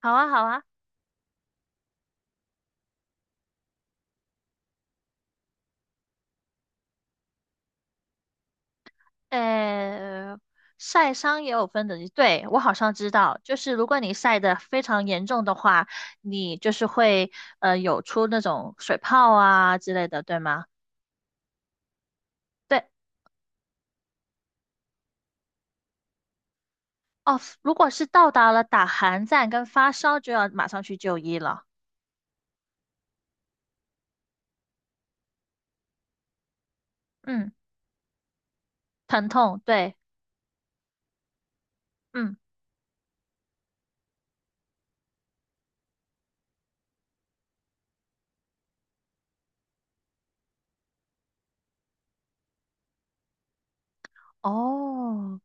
好啊，好啊，呃，晒伤也有分等级，对，我好像知道，就是如果你晒得非常严重的话，你就是会有出那种水泡啊之类的，对吗？对，哦，如果是到达了打寒战跟发烧，就要马上去就医了。嗯，疼痛，对，嗯，哦，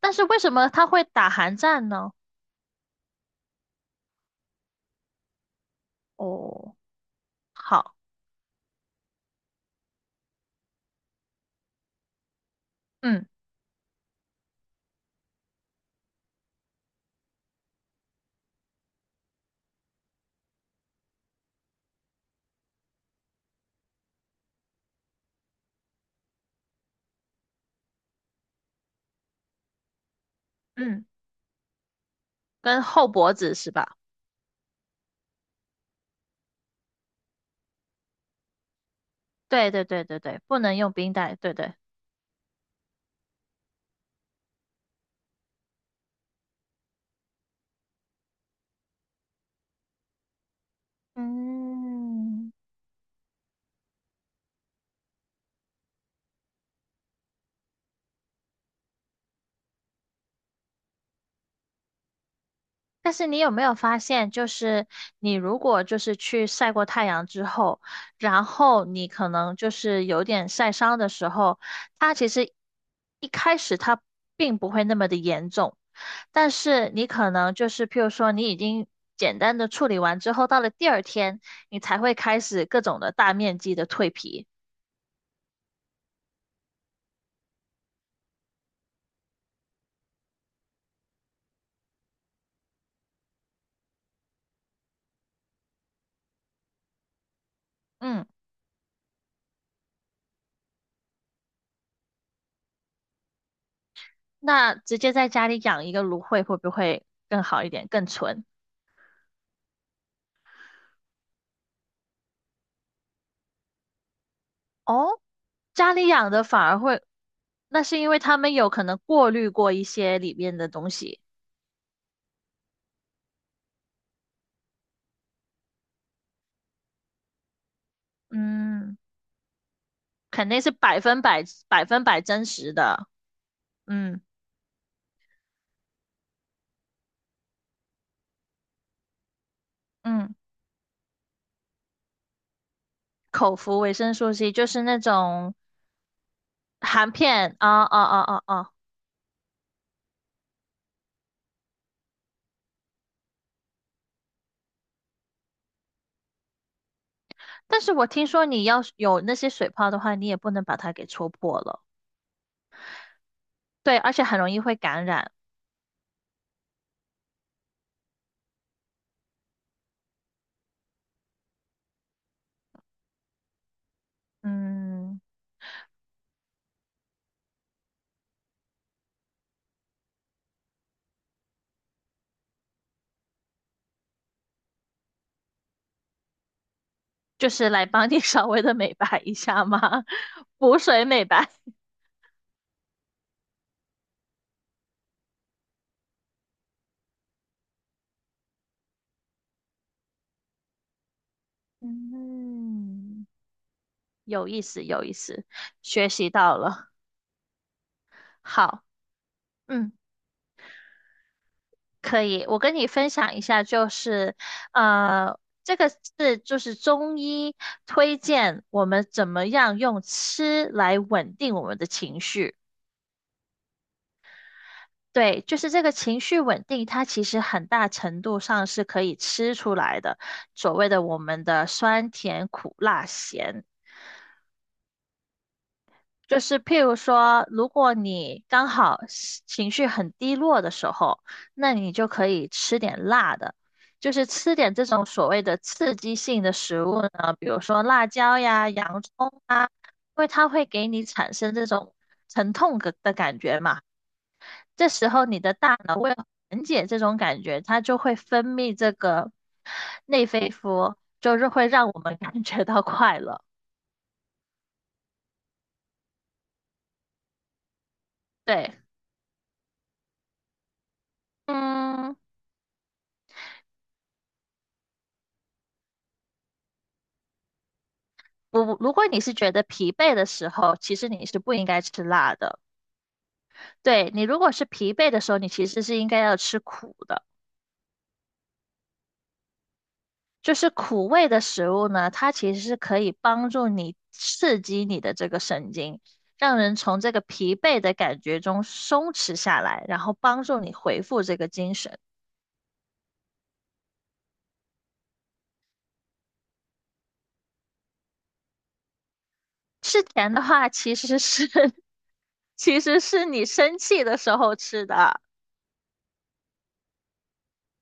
但是为什么他会打寒战呢？哦，好，嗯嗯，跟后脖子是吧？对对对对对，不能用冰袋，对对。嗯，但是你有没有发现，就是你如果就是去晒过太阳之后，然后你可能就是有点晒伤的时候，它其实一开始它并不会那么的严重，但是你可能就是譬如说你已经简单的处理完之后，到了第二天，你才会开始各种的大面积的蜕皮。嗯，那直接在家里养一个芦荟会不会更好一点，更纯？哦，家里养的反而会，那是因为他们有可能过滤过一些里面的东西，嗯，肯定是百分百百分百真实的，嗯嗯，口服维生素 C 就是那种含片，啊啊啊啊啊！但是我听说你要是有那些水泡的话，你也不能把它给戳破了，对，而且很容易会感染，嗯，就是来帮你 稍微的美白一下嘛，补水美白，嗯。有意思，有意思，学习到了。好，嗯，可以。我跟你分享一下，就是呃，这个是就是中医推荐我们怎么样用吃来稳定我们的情绪。对，就是这个情绪稳定，它其实很大程度上是可以吃出来的，所谓的我们的酸甜苦辣咸。就是譬如说，如果你刚好是情绪很低落的时候，那你就可以吃点辣的，就是吃点这种所谓的刺激性的食物呢，比如说辣椒呀、洋葱啊，因为它会给你产生这种疼痛的感觉嘛。这时候你的大脑为了缓解这种感觉，它就会分泌这个内啡素，就是会让我们感觉到快乐。对，嗯。如果你是觉得疲惫的时候，其实你是不应该吃辣的。对，你如果是疲惫的时候，你其实是应该要吃苦的。就是苦味的食物呢，它其实是可以帮助你刺激你的这个神经，让人从这个疲惫的感觉中松弛下来，然后帮助你恢复这个精神。吃甜的话，其实是 其实是你生气的时候吃的。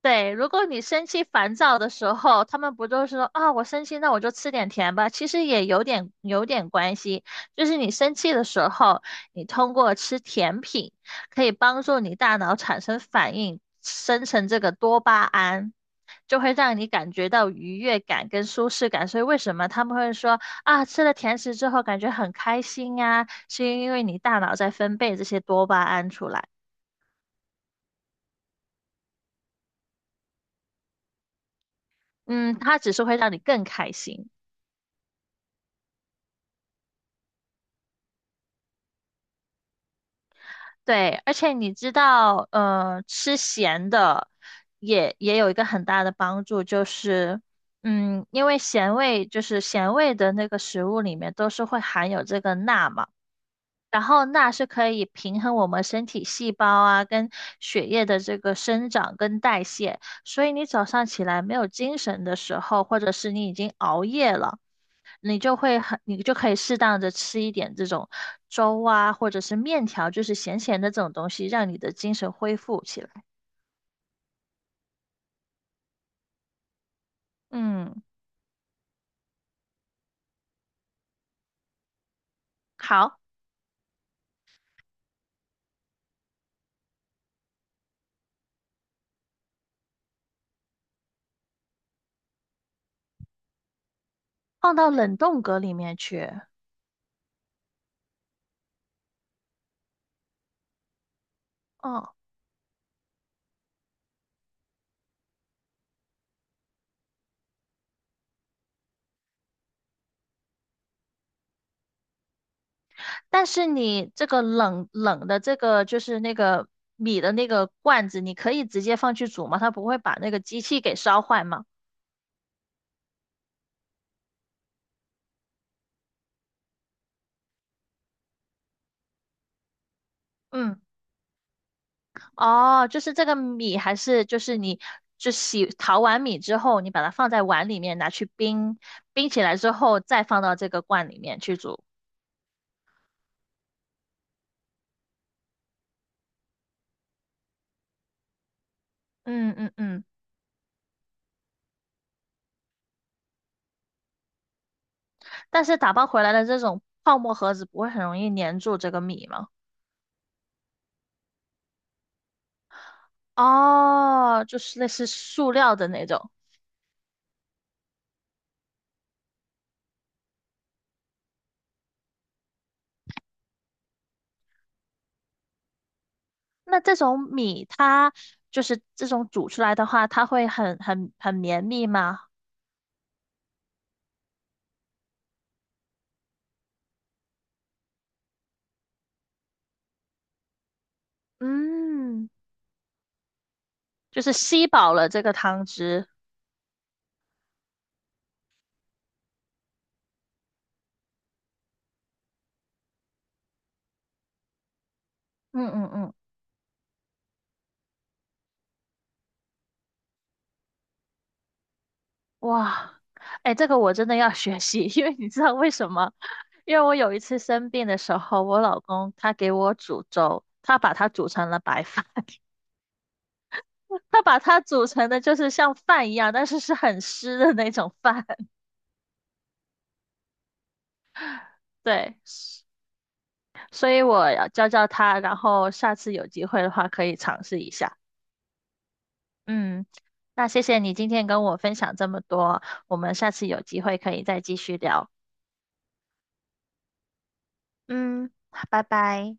对，如果你生气烦躁的时候，他们不就是说啊，我生气，那我就吃点甜吧？其实也有点关系，就是你生气的时候，你通过吃甜品可以帮助你大脑产生反应，生成这个多巴胺，就会让你感觉到愉悦感跟舒适感。所以为什么他们会说啊，吃了甜食之后感觉很开心啊，是因为你大脑在分泌这些多巴胺出来，嗯，它只是会让你更开心。对，而且你知道，吃咸的也有一个很大的帮助，就是，嗯，因为咸味就是咸味的那个食物里面都是会含有这个钠嘛，然后钠是可以平衡我们身体细胞啊跟血液的这个生长跟代谢，所以你早上起来没有精神的时候，或者是你已经熬夜了。你就会很，你就可以适当的吃一点这种粥啊，或者是面条，就是咸咸的这种东西，让你的精神恢复起来。嗯，好，放到冷冻格里面去。哦，但是你这个冷冷的这个就是那个米的那个罐子，你可以直接放去煮吗？它不会把那个机器给烧坏吗？嗯。哦，就是这个米还是就是你就洗淘完米之后，你把它放在碗里面拿去冰，冰起来之后再放到这个罐里面去煮。嗯嗯嗯，但是打包回来的这种泡沫盒子不会很容易粘住这个米吗？哦，就是类似塑料的那种。那这种米它就是这种煮出来的话，它会很很很绵密吗？嗯，就是吸饱了这个汤汁。嗯嗯嗯。哇，哎，这个我真的要学习，因为你知道为什么？因为我有一次生病的时候，我老公他给我煮粥，他把它煮成了白饭，他把它煮成的就是像饭一样，但是是很湿的那种饭。对，所以我要教教他，然后下次有机会的话可以尝试一下。嗯，那谢谢你今天跟我分享这么多，我们下次有机会可以再继续聊。嗯，拜拜。